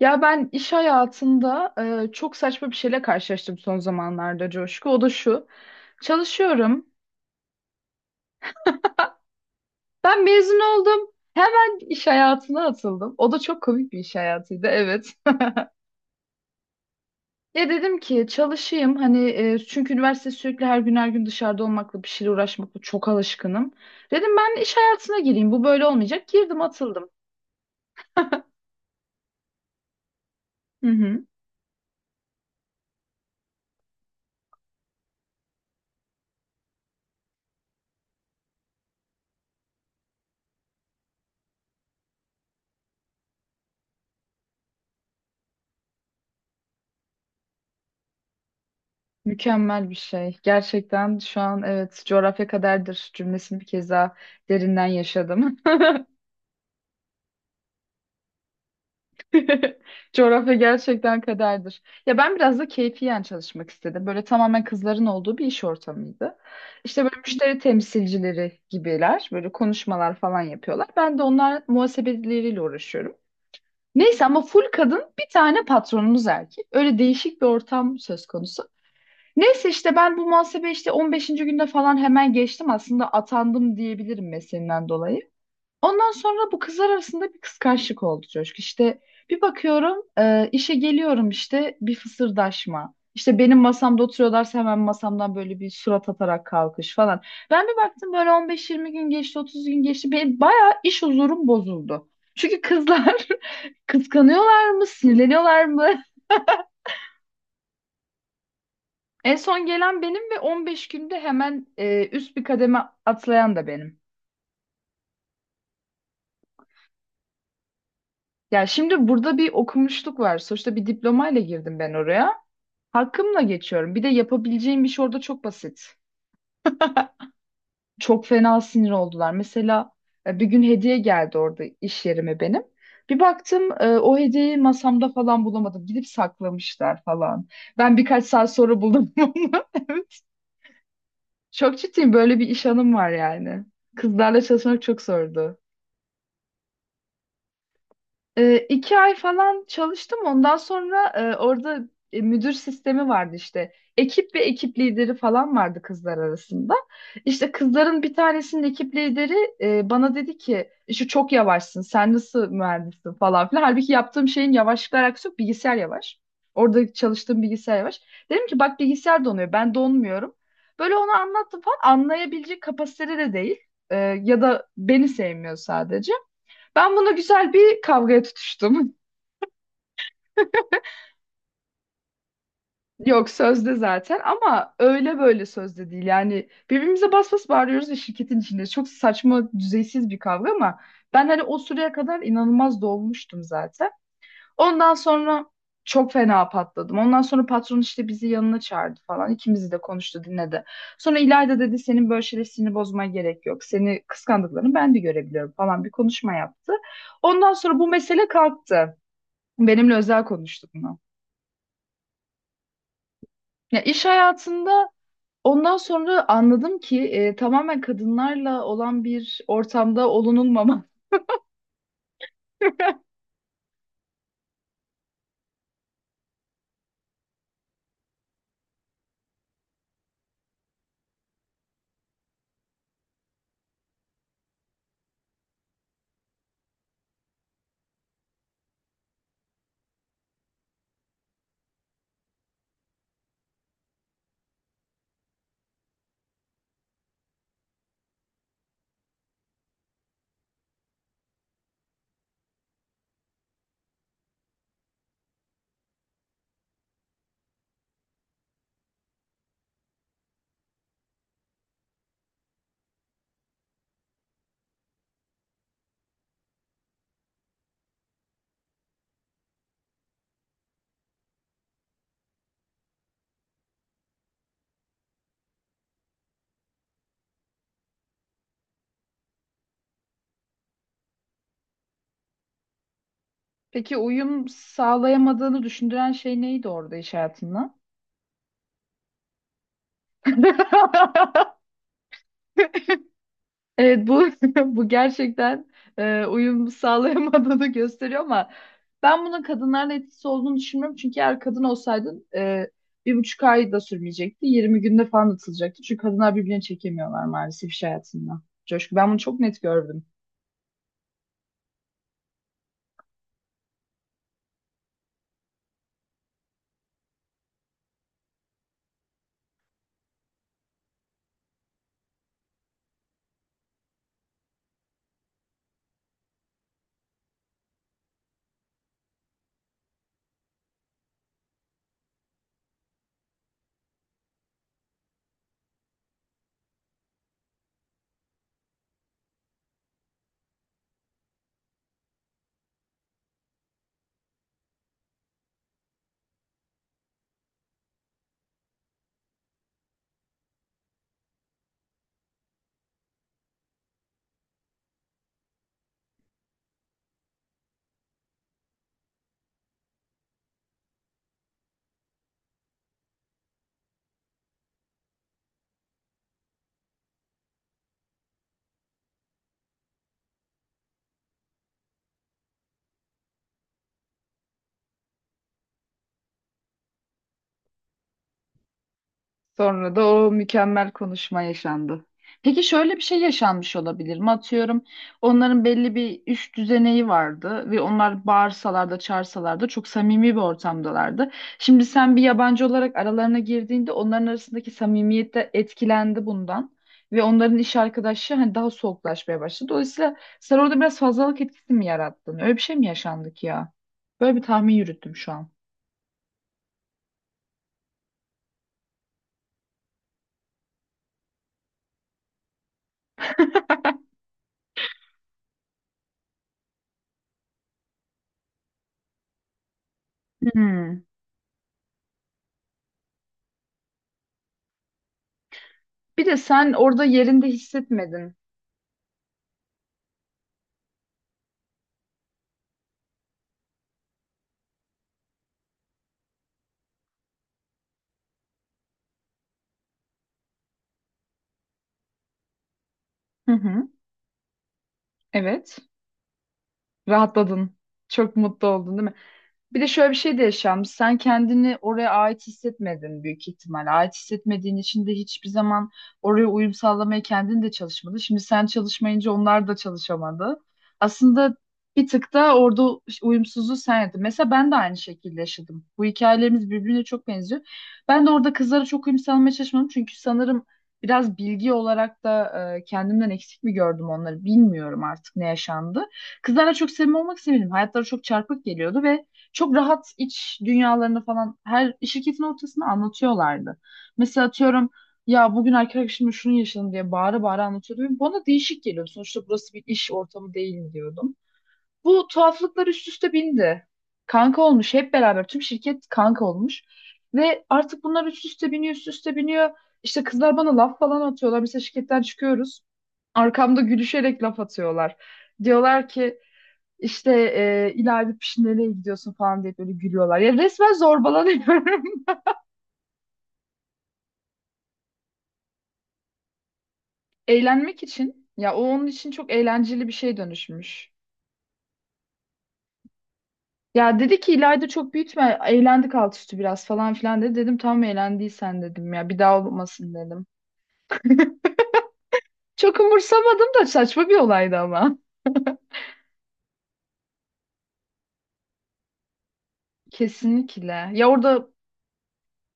Ya ben iş hayatında çok saçma bir şeyle karşılaştım son zamanlarda Coşku. O da şu. Çalışıyorum. Ben mezun oldum. Hemen iş hayatına atıldım. O da çok komik bir iş hayatıydı, evet. Ya dedim ki çalışayım hani çünkü üniversite sürekli her gün her gün dışarıda olmakla bir şeyle uğraşmakla çok alışkınım. Dedim ben iş hayatına gireyim. Bu böyle olmayacak. Girdim atıldım. Hı hı. Mükemmel bir şey. Gerçekten şu an evet coğrafya kaderdir cümlesini bir kez daha derinden yaşadım. Coğrafya gerçekten kaderdir. Ya ben biraz da keyfiyen çalışmak istedim. Böyle tamamen kızların olduğu bir iş ortamıydı. İşte böyle müşteri temsilcileri gibiler. Böyle konuşmalar falan yapıyorlar. Ben de onlar muhasebeleriyle uğraşıyorum. Neyse ama full kadın bir tane patronumuz erkek. Öyle değişik bir ortam söz konusu. Neyse işte ben bu muhasebe işte 15. günde falan hemen geçtim. Aslında atandım diyebilirim mesleğimden dolayı. Ondan sonra bu kızlar arasında bir kıskançlık oldu Coşku. İşte bir bakıyorum, işe geliyorum işte bir fısırdaşma. İşte benim masamda oturuyorlarsa hemen masamdan böyle bir surat atarak kalkış falan. Ben bir baktım böyle 15-20 gün geçti, 30 gün geçti. Benim bayağı iş huzurum bozuldu. Çünkü kızlar kıskanıyorlar mı, sinirleniyorlar mı? En son gelen benim ve 15 günde hemen üst bir kademe atlayan da benim. Ya şimdi burada bir okumuşluk var. Sonuçta bir diplomayla girdim ben oraya. Hakkımla geçiyorum. Bir de yapabileceğim bir şey orada çok basit. Çok fena sinir oldular. Mesela bir gün hediye geldi orada iş yerime benim. Bir baktım, o hediyeyi masamda falan bulamadım. Gidip saklamışlar falan. Ben birkaç saat sonra buldum onu. Evet. Çok ciddiyim, böyle bir iş anım var yani. Kızlarla çalışmak çok zordu. 2 ay falan çalıştım. Ondan sonra orada müdür sistemi vardı işte. Ekip ve ekip lideri falan vardı kızlar arasında. İşte kızların bir tanesinin ekip lideri bana dedi ki şu çok yavaşsın sen nasıl mühendissin falan filan. Halbuki yaptığım şeyin yavaşlıkla alakası yok, bilgisayar yavaş. Orada çalıştığım bilgisayar yavaş. Dedim ki bak, bilgisayar donuyor ben donmuyorum. Böyle onu anlattım falan, anlayabilecek kapasitede de değil. E, Ya da beni sevmiyor sadece. Ben buna güzel bir kavgaya tutuştum. Yok sözde zaten ama öyle böyle sözde değil. Yani birbirimize bas bas bağırıyoruz ve şirketin içinde çok saçma, düzeysiz bir kavga ama ben hani o süreye kadar inanılmaz dolmuştum zaten. Ondan sonra çok fena patladım. Ondan sonra patron işte bizi yanına çağırdı falan. İkimizi de konuştu, dinledi. Sonra İlayda dedi senin böyle şeyler sinir bozmaya gerek yok. Seni kıskandıklarını ben de görebiliyorum falan, bir konuşma yaptı. Ondan sonra bu mesele kalktı. Benimle özel konuştu bunu. Ya iş hayatında ondan sonra anladım ki tamamen kadınlarla olan bir ortamda olunulmama. Peki uyum sağlayamadığını düşündüren şey neydi orada iş hayatında? Evet, bu bu gerçekten uyum sağlayamadığını gösteriyor ama ben bunun kadınlarla etkisi olduğunu düşünmüyorum. Çünkü eğer kadın olsaydın, 1,5 ay da sürmeyecekti. 20 günde falan atılacaktı. Çünkü kadınlar birbirine çekemiyorlar maalesef iş hayatında. Coşku, ben bunu çok net gördüm. Sonra da o mükemmel konuşma yaşandı. Peki şöyle bir şey yaşanmış olabilir mi? Atıyorum, onların belli bir üst düzeneği vardı ve onlar bağırsalar da çağırsalar da çok samimi bir ortamdalardı. Şimdi sen bir yabancı olarak aralarına girdiğinde onların arasındaki samimiyet de etkilendi bundan. Ve onların iş arkadaşı hani daha soğuklaşmaya başladı. Dolayısıyla sen orada biraz fazlalık etkisi mi yarattın? Öyle bir şey mi yaşandı ki ya? Böyle bir tahmin yürüttüm şu an. Hmm. Bir de sen orada yerinde hissetmedin. Hı hı. Evet. Rahatladın. Çok mutlu oldun değil mi? Bir de şöyle bir şey de yaşanmış. Sen kendini oraya ait hissetmedin büyük ihtimal. Ait hissetmediğin için de hiçbir zaman oraya uyum sağlamaya kendin de çalışmadı. Şimdi sen çalışmayınca onlar da çalışamadı. Aslında bir tık da orada uyumsuzluğu sen yaptın. Mesela ben de aynı şekilde yaşadım. Bu hikayelerimiz birbirine çok benziyor. Ben de orada kızlara çok uyum sağlamaya çalışmadım. Çünkü sanırım biraz bilgi olarak da kendimden eksik mi gördüm onları, bilmiyorum artık ne yaşandı. Kızlarla çok samimi olmak istemedim. Hayatları çok çarpık geliyordu ve çok rahat iç dünyalarını falan her şirketin ortasında anlatıyorlardı. Mesela atıyorum, ya bugün arkadaşımla şunu yaşadım diye bağıra bağıra anlatıyordum. Bana değişik geliyor. Sonuçta burası bir iş ortamı değil diyordum. Bu tuhaflıklar üst üste bindi. Kanka olmuş, hep beraber tüm şirket kanka olmuş. Ve artık bunlar üst üste biniyor üst üste biniyor. İşte kızlar bana laf falan atıyorlar. Mesela şirketten çıkıyoruz. Arkamda gülüşerek laf atıyorlar. Diyorlar ki işte ileride piş nereye gidiyorsun falan diye böyle gülüyorlar. Ya resmen zorbalanıyorum. Eğlenmek için. Ya o onun için çok eğlenceli bir şey dönüşmüş. Ya dedi ki ileride çok büyütme. Eğlendik alt üstü biraz falan filan dedi. Dedim tamam eğlendiysen dedim ya. Bir daha olmasın dedim. Çok umursamadım da saçma bir olaydı ama. Kesinlikle.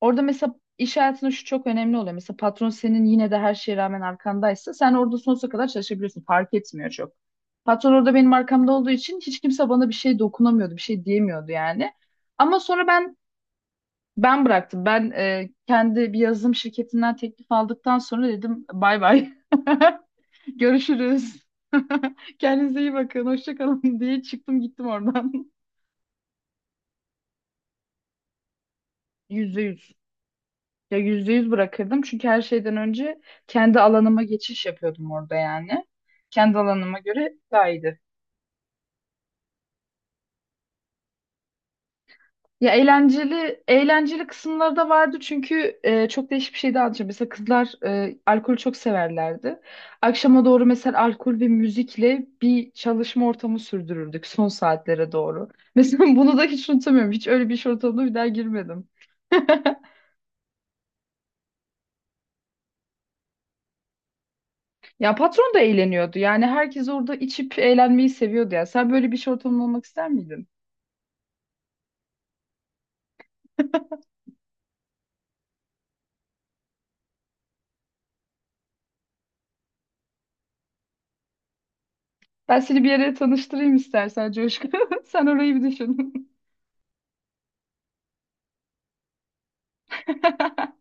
Orada mesela iş hayatında şu çok önemli oluyor. Mesela patron senin yine de her şeye rağmen arkandaysa sen orada sonsuza kadar çalışabiliyorsun. Fark etmiyor çok. Patron orada benim arkamda olduğu için hiç kimse bana bir şey dokunamıyordu, bir şey diyemiyordu yani. Ama sonra ben bıraktım. Ben kendi bir yazılım şirketinden teklif aldıktan sonra dedim bay bay. Görüşürüz. Kendinize iyi bakın. Hoşça kalın diye çıktım gittim oradan. %100. Ya %100 bırakırdım çünkü her şeyden önce kendi alanıma geçiş yapıyordum orada yani. Kendi alanıma göre daha iyiydi. Ya eğlenceli eğlenceli kısımları da vardı çünkü çok değişik bir şey daha anlatacağım. Mesela kızlar alkolü çok severlerdi. Akşama doğru mesela alkol ve müzikle bir çalışma ortamı sürdürürdük son saatlere doğru. Mesela bunu da hiç unutamıyorum. Hiç öyle bir iş ortamına bir daha girmedim. Ya patron da eğleniyordu. Yani herkes orada içip eğlenmeyi seviyordu ya. Sen böyle bir iş ortamında olmak ister miydin? Ben seni bir yere tanıştırayım istersen Coşku. Sen orayı bir düşün.